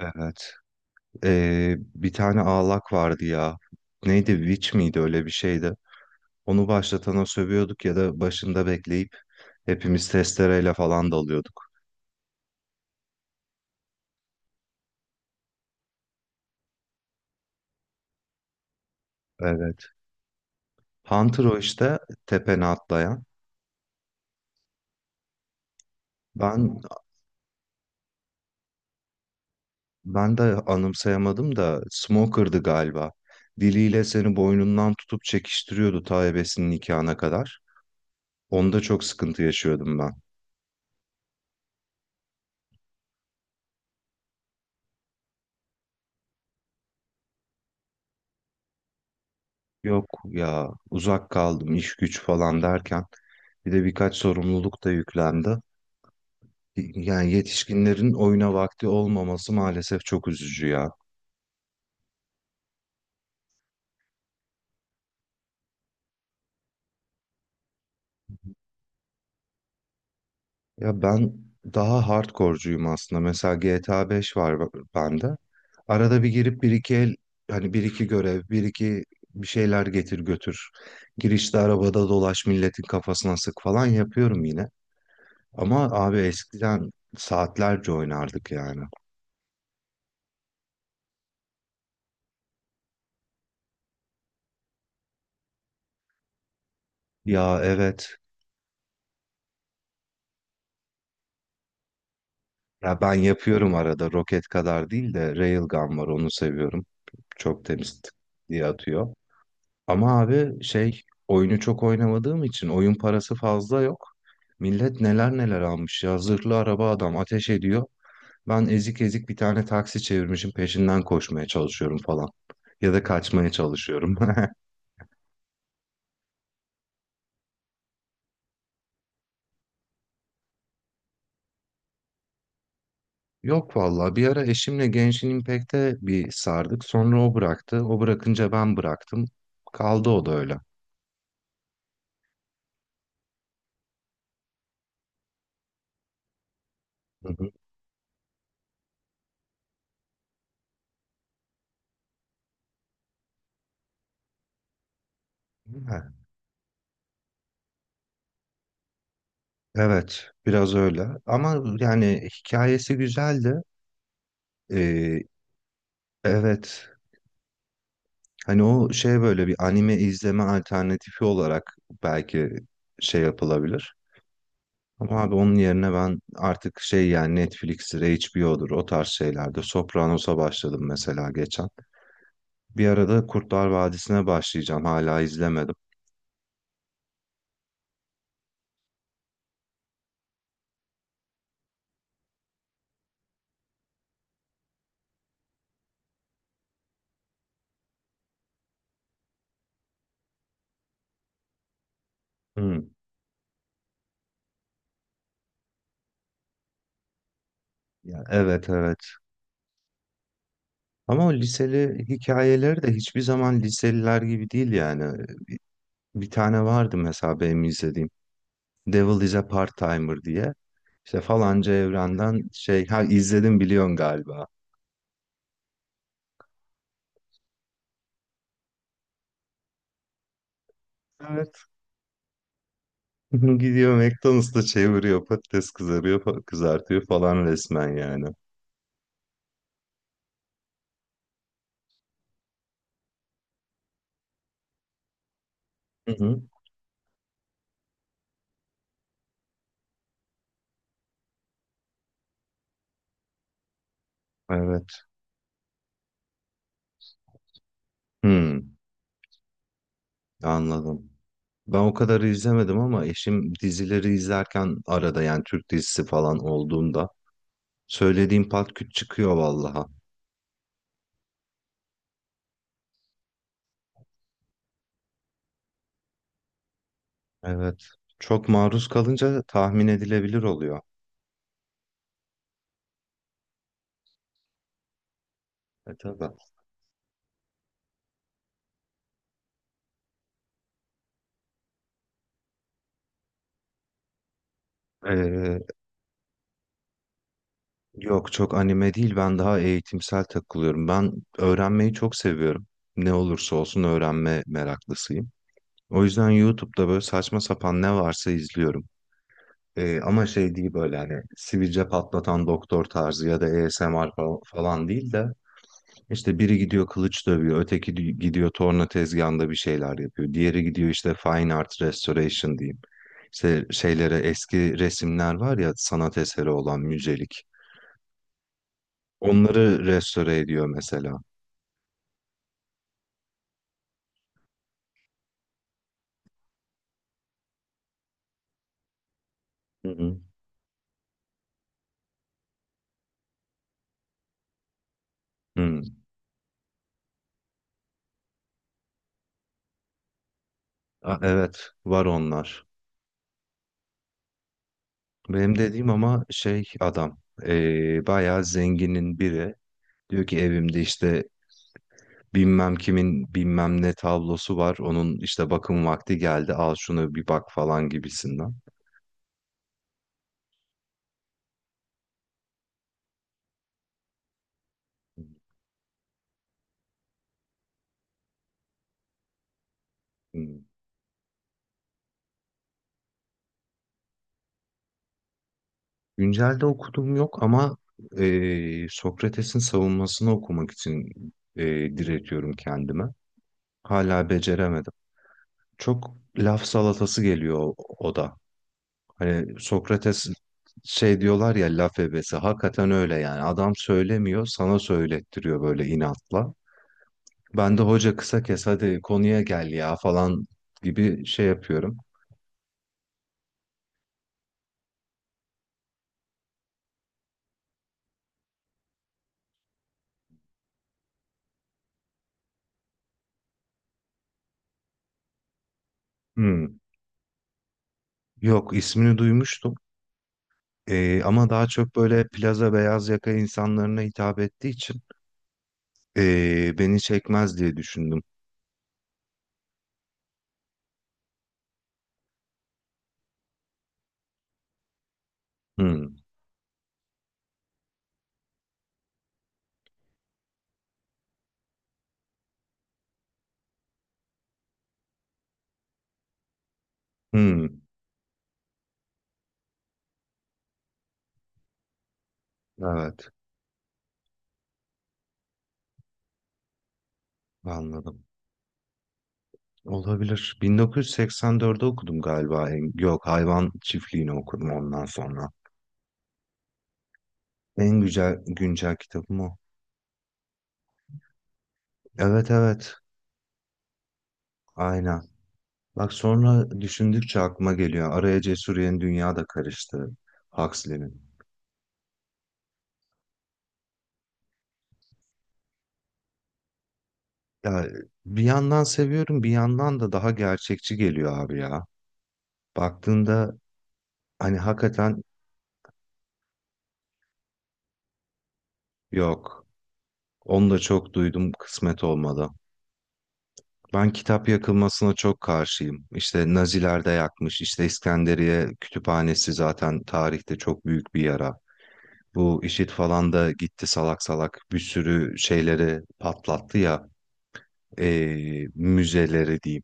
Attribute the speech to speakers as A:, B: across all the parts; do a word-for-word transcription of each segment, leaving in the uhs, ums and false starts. A: Evet. Ee, bir tane ağlak vardı ya. Neydi? Witch miydi? Öyle bir şeydi. Onu başlatana sövüyorduk ya da başında bekleyip hepimiz testereyle falan dalıyorduk. Evet. Hunter o işte tepene atlayan. Ben ben de anımsayamadım da Smoker'dı galiba. Diliyle seni boynundan tutup çekiştiriyordu ta ebesinin nikahına kadar. Onda çok sıkıntı yaşıyordum ben. Yok ya, uzak kaldım iş güç falan derken bir de birkaç sorumluluk da yüklendi. Yani yetişkinlerin oyuna vakti olmaması maalesef çok üzücü ya. Ya ben daha hardcore'cuyum aslında. Mesela G T A beş var b- bende. Arada bir girip bir iki el, hani bir iki görev, bir iki bir şeyler getir götür. Girişte arabada dolaş, milletin kafasına sık falan yapıyorum yine. Ama abi eskiden saatlerce oynardık yani. Ya, evet. Ya ben yapıyorum arada, roket kadar değil de Railgun var, onu seviyorum. Çok temiz diye atıyor. Ama abi şey, oyunu çok oynamadığım için oyun parası fazla yok. Millet neler neler almış ya, zırhlı araba adam ateş ediyor. Ben ezik ezik bir tane taksi çevirmişim peşinden koşmaya çalışıyorum falan. Ya da kaçmaya çalışıyorum. Yok valla, bir ara eşimle Genshin Impact'e bir sardık. Sonra o bıraktı. O bırakınca ben bıraktım. Kaldı o da öyle. Hı hı. Ha, evet biraz öyle. Ama yani hikayesi güzeldi. Ee, evet. Hani o şey, böyle bir anime izleme alternatifi olarak belki şey yapılabilir. Ama abi onun yerine ben artık şey, yani Netflix'tir, H B O'dur o tarz şeylerde. Sopranos'a başladım mesela geçen. Bir arada Kurtlar Vadisi'ne başlayacağım. Hala izlemedim. Hmm. Ya, evet, evet. Ama o liseli hikayeleri de hiçbir zaman liseliler gibi değil yani. Bir tane vardı mesela benim izlediğim. Devil is a Part-Timer diye. İşte falanca evrenden şey, ha izledim biliyorsun galiba. Evet. Gidiyor McDonald's'ta çeviriyor, patates kızarıyor, fa- kızartıyor falan resmen yani. Hı hı. Evet. Hmm, anladım. Ben o kadar izlemedim ama eşim dizileri izlerken arada, yani Türk dizisi falan olduğunda söylediğim pat küt çıkıyor vallaha. Evet. Çok maruz kalınca tahmin edilebilir oluyor. E tabii. Ee, Yok, çok anime değil, ben daha eğitimsel takılıyorum. Ben öğrenmeyi çok seviyorum. Ne olursa olsun öğrenme meraklısıyım. O yüzden YouTube'da böyle saçma sapan ne varsa izliyorum. Ee, ama şey değil, böyle hani sivilce patlatan doktor tarzı ya da A S M R fa- falan değil de, işte biri gidiyor kılıç dövüyor, öteki di- gidiyor torna tezgahında bir şeyler yapıyor. Diğeri gidiyor işte fine art restoration diyeyim. İşte şeylere, eski resimler var ya sanat eseri olan, müzelik. Onları restore ediyor mesela. Hı hı. Hı. A- evet, var onlar. Benim dediğim ama şey, adam eee bayağı zenginin biri. Diyor ki evimde işte bilmem kimin bilmem ne tablosu var. Onun işte bakım vakti geldi. Al şunu bir bak falan gibisinden. Hmm. Güncelde okuduğum yok ama eee, Sokrates'in savunmasını okumak için eee, diretiyorum kendime. Hala beceremedim. Çok laf salatası geliyor o, o da. Hani Sokrates şey diyorlar ya, laf ebesi. Hakikaten öyle yani. Adam söylemiyor, sana söylettiriyor böyle inatla. Ben de hoca kısa kes hadi konuya gel ya falan gibi şey yapıyorum. Hmm. Yok, ismini duymuştum. Ee, ama daha çok böyle plaza beyaz yaka insanlarına hitap ettiği için ee, beni çekmez diye düşündüm. Hmm. Hmm. Evet. Anladım. Olabilir. bin dokuz yüz seksen dördüncüde okudum galiba. en- Yok, hayvan çiftliğini okudum ondan sonra. En güzel güncel kitabım o. Evet, evet. Aynen. Bak sonra düşündükçe aklıma geliyor. Araya Cesur Yeni Dünya da karıştı. Huxley'nin. Ya bir yandan seviyorum, bir yandan da daha gerçekçi geliyor abi ya. Baktığında hani hakikaten yok. Onu da çok duydum, kısmet olmadı. Ben kitap yakılmasına çok karşıyım. İşte Naziler de yakmış. İşte İskenderiye kütüphanesi zaten tarihte çok büyük bir yara. Bu IŞİD falan da gitti salak salak bir sürü şeyleri patlattı ya, eee, müzeleri diyeyim.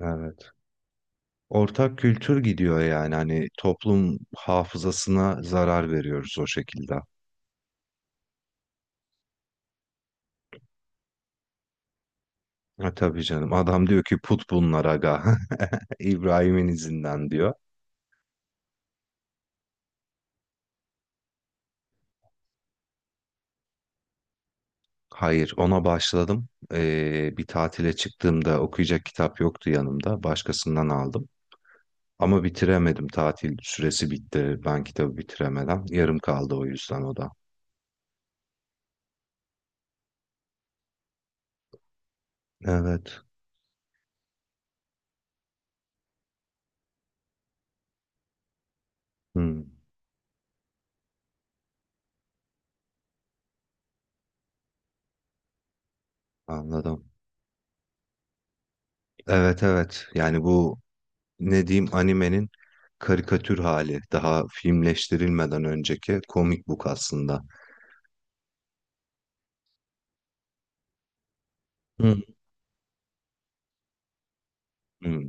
A: Evet. Ortak kültür gidiyor yani, hani toplum hafızasına zarar veriyoruz o şekilde. Ha, tabii canım, adam diyor ki put bunlar aga. İbrahim'in izinden diyor. Hayır, ona başladım. Ee, bir tatile çıktığımda okuyacak kitap yoktu yanımda. Başkasından aldım. Ama bitiremedim. Tatil süresi bitti. Ben kitabı bitiremeden. Yarım kaldı o yüzden o da. Evet. Hmm, anladım. Evet, evet. Yani bu, ne diyeyim, animenin karikatür hali. Daha filmleştirilmeden önceki comic book aslında. Hmm, hmm.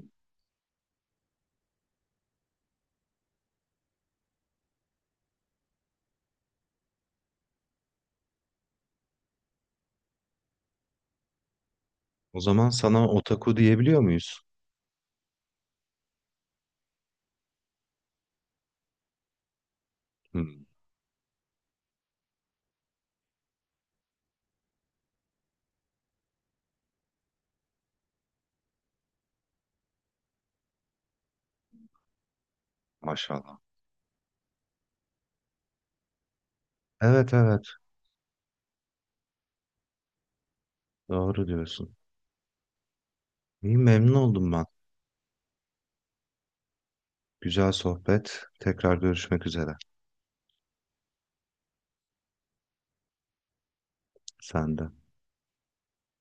A: O zaman sana otaku diyebiliyor muyuz? Hmm, maşallah. Evet, evet. Doğru diyorsun. İyi, memnun oldum ben. Güzel sohbet. Tekrar görüşmek üzere. Sen de.